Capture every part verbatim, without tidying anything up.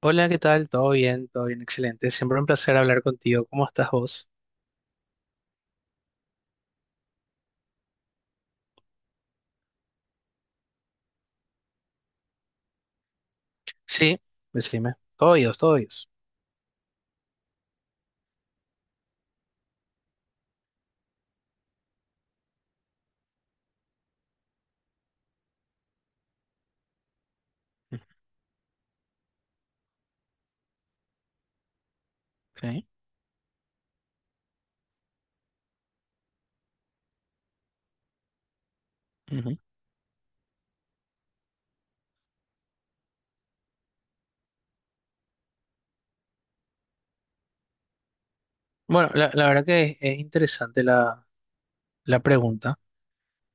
Hola, ¿qué tal? ¿Todo bien? ¿Todo bien? Excelente. Siempre un placer hablar contigo. ¿Cómo estás vos? Sí, decime. Todo ellos, todo ellos. Okay. Ujú. Bueno, la, la verdad que es, es interesante la, la pregunta,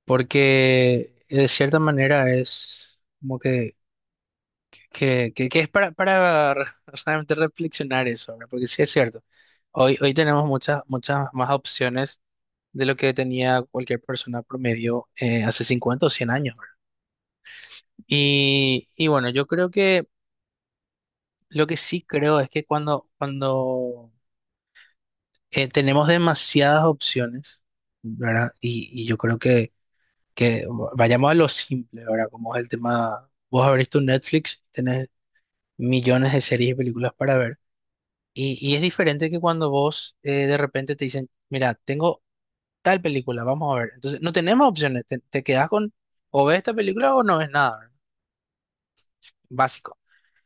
porque de cierta manera es como que, que, que, que es para, para re- realmente reflexionar eso, ¿verdad? Porque sí es cierto. Hoy, hoy tenemos muchas, muchas más opciones de lo que tenía cualquier persona promedio eh, hace cincuenta o cien años, ¿verdad? Y, y bueno, yo creo que... Lo que sí creo es que cuando, cuando eh, tenemos demasiadas opciones, ¿verdad? Y, y yo creo que, que vayamos a lo simple, ¿verdad? Como es el tema, vos abrís tu Netflix, tenés millones de series y películas para ver. Y, y es diferente que cuando vos eh, de repente te dicen, mira, tengo tal película, vamos a ver. Entonces, no tenemos opciones, te, te quedás con, o ves esta película o no ves nada, ¿verdad? Básico.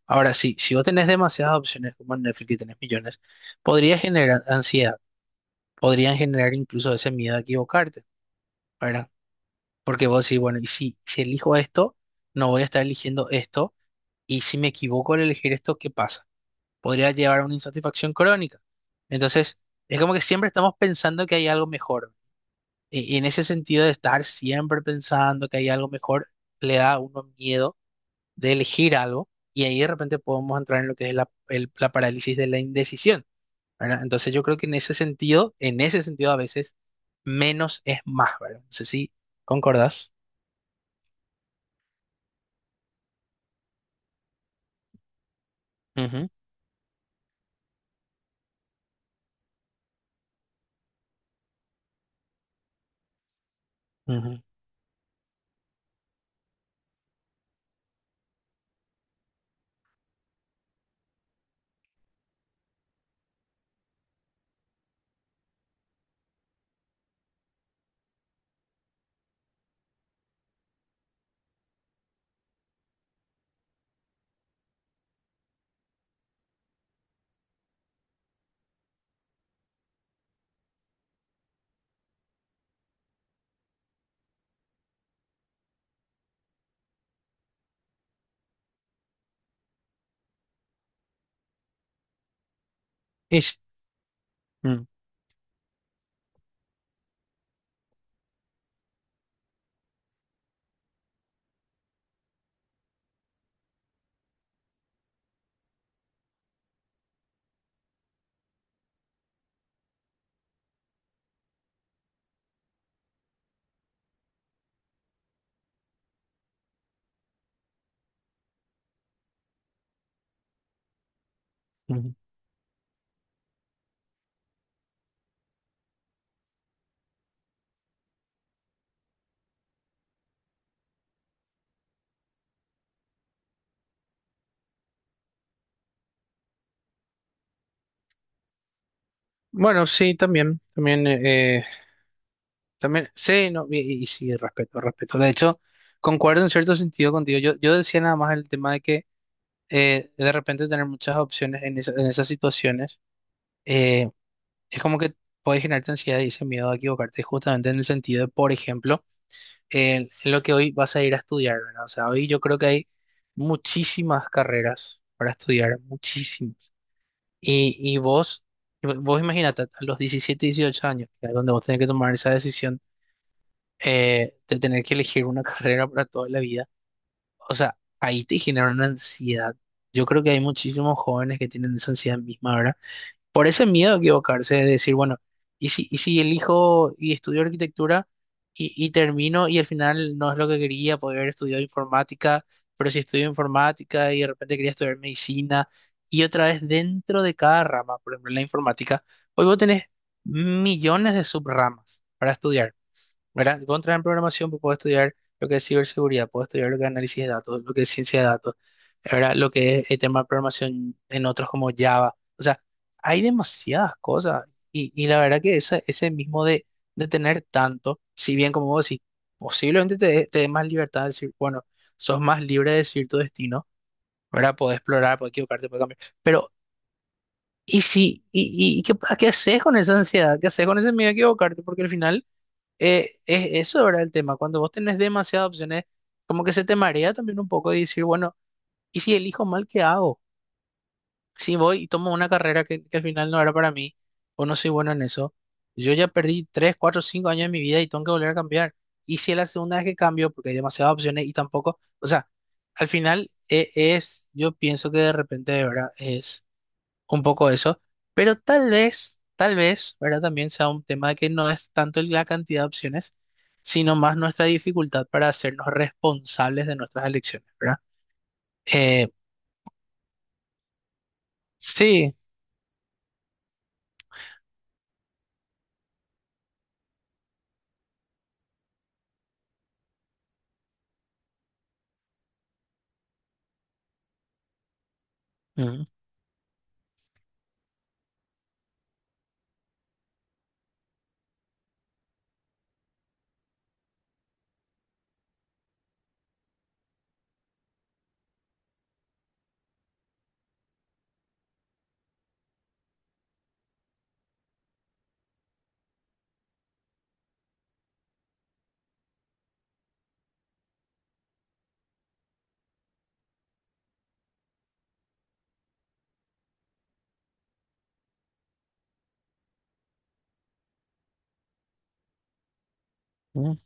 Ahora sí, si vos tenés demasiadas opciones como en Netflix y tenés millones, podría generar ansiedad, podrían generar incluso ese miedo a equivocarte, ¿verdad? Porque vos decís, bueno, y si, si elijo esto, no voy a estar eligiendo esto, y si me equivoco al elegir esto, ¿qué pasa? Podría llevar a una insatisfacción crónica. Entonces, es como que siempre estamos pensando que hay algo mejor. Y, y en ese sentido de estar siempre pensando que hay algo mejor, le da a uno miedo de elegir algo, y ahí de repente podemos entrar en lo que es la, el- la parálisis de la indecisión, ¿verdad? Entonces yo creo que en ese sentido, en ese sentido a veces menos es más, ¿verdad? No sé si concordás. Ujú. Ujú. Es- mm, ujú. Bueno, sí, también, también, eh, eh, también, sí, no, y, y sí, respeto, respeto. De hecho, concuerdo en cierto sentido contigo. Yo, yo decía nada más el tema de que eh, de repente tener muchas opciones en, esa- en esas situaciones, eh, es como que puede generarte ansiedad y ese miedo a equivocarte, justamente en el sentido de, por ejemplo, en lo que hoy vas a ir a estudiar, ¿verdad? O sea, hoy yo creo que hay muchísimas carreras para estudiar, muchísimas. Y, y vos, vos imagínate, a los diecisiete, dieciocho años, que es donde vos tenés que tomar esa decisión, eh, de tener que elegir una carrera para toda la vida, o sea, ahí te genera una ansiedad. Yo creo que hay muchísimos jóvenes que tienen esa ansiedad misma, ¿verdad? Por ese miedo a equivocarse, de decir, bueno, ¿y si, y si elijo y estudio arquitectura y, y termino y al final no es lo que quería, podría haber estudiado informática, pero si estudio informática y de repente quería estudiar medicina y otra vez dentro de cada rama, por ejemplo, en la informática, hoy vos tenés millones de subramas para estudiar, ¿verdad? Contra en programación, pues puedo estudiar lo que es ciberseguridad, puedo estudiar lo que es análisis de datos, lo que es ciencia de datos, ¿verdad? Lo que es el tema de programación en otros como Java. O sea, hay demasiadas cosas. Y, y la verdad que ese, ese mismo de de tener tanto, si bien como vos decís, posiblemente te, dé- te dé más libertad de decir, bueno, sos más libre de decir tu destino, ¿verdad? Podés explorar, podés equivocarte, podés cambiar. Pero, ¿y si, y, y, y qué, qué haces con esa ansiedad? ¿Qué haces con ese miedo a equivocarte? Porque al final... Eh, es eso era el tema. Cuando vos tenés demasiadas opciones, como que se te marea también un poco y decir, bueno, ¿y si elijo mal, qué hago? Si voy y tomo una carrera que, que al final no era para mí, o no soy bueno en eso, yo ya perdí tres cuatro cinco años de mi vida y tengo que volver a cambiar. Y si es la segunda vez que cambio, porque hay demasiadas opciones y tampoco, o sea, al final eh, es, yo pienso que de repente, de verdad, es un poco eso, pero tal vez, tal vez, ¿verdad? También sea un tema de que no es tanto la cantidad de opciones, sino más nuestra dificultad para hacernos responsables de nuestras elecciones, ¿verdad? Eh, sí. Ujú, ujú,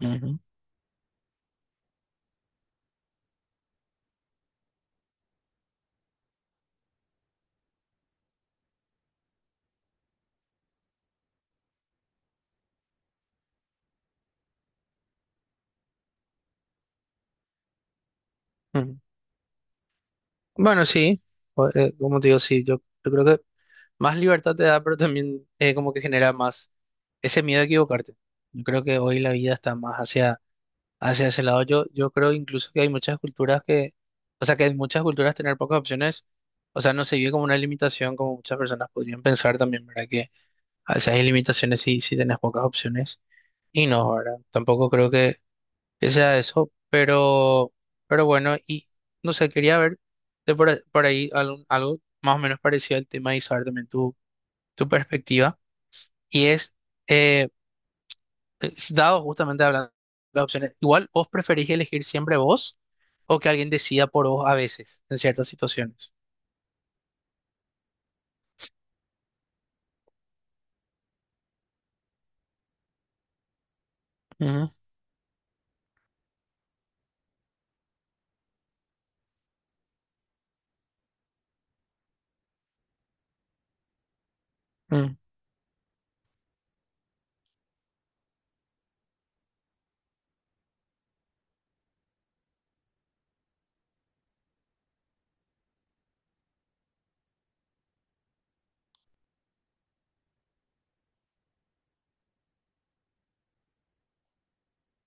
ujú, ujú. Bueno, sí, o- eh, como te digo, sí, yo, yo creo que más libertad te da, pero también eh, como que genera más ese miedo a equivocarte. Yo creo que hoy la vida está más hacia hacia ese lado, yo, yo creo incluso que hay muchas culturas que, o sea, que en muchas culturas tener pocas opciones, o sea, no se vive como una limitación, como muchas personas podrían pensar también, ¿verdad? Que a veces hay limitaciones si, si tenés pocas opciones, y no, ¿verdad? Tampoco creo que, que sea eso, pero, pero bueno, y no sé, quería ver de por, a- por ahí algún- algo más o menos parecido al tema y saber también tu, tu perspectiva, y es, eh, es dado justamente hablando de las opciones, igual vos preferís elegir siempre vos, o que alguien decida por vos a veces, en ciertas situaciones. Ujú, ujú,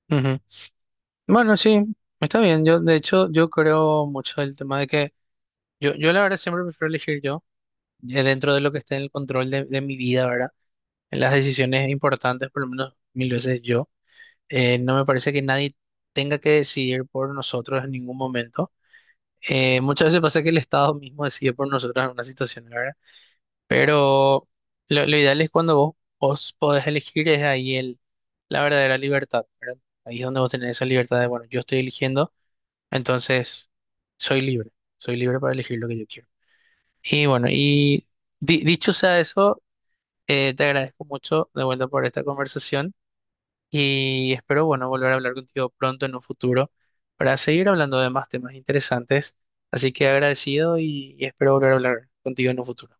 ujú. Bueno, sí, está bien. Yo, de hecho, yo creo mucho el tema de que yo, yo la verdad siempre prefiero elegir yo, eh, dentro de lo que esté en el control de, de mi vida, ¿verdad? En las decisiones importantes, por lo menos mil veces yo. Eh, no me parece que nadie tenga que decidir por nosotros en ningún momento. Eh, muchas veces pasa que el Estado mismo decide por nosotros en una situación, ¿verdad? Pero lo, lo ideal es cuando vos, vos podés elegir, es ahí el, la verdadera libertad, ¿verdad? Ahí es donde vos tenés esa libertad de, bueno, yo estoy eligiendo, entonces soy libre, soy libre para elegir lo que yo quiero. Y bueno, y di- dicho sea eso, eh, te agradezco mucho de vuelta por esta conversación y espero, bueno, volver a hablar contigo pronto en un futuro para seguir hablando de más temas interesantes. Así que agradecido y y espero volver a hablar contigo en un futuro.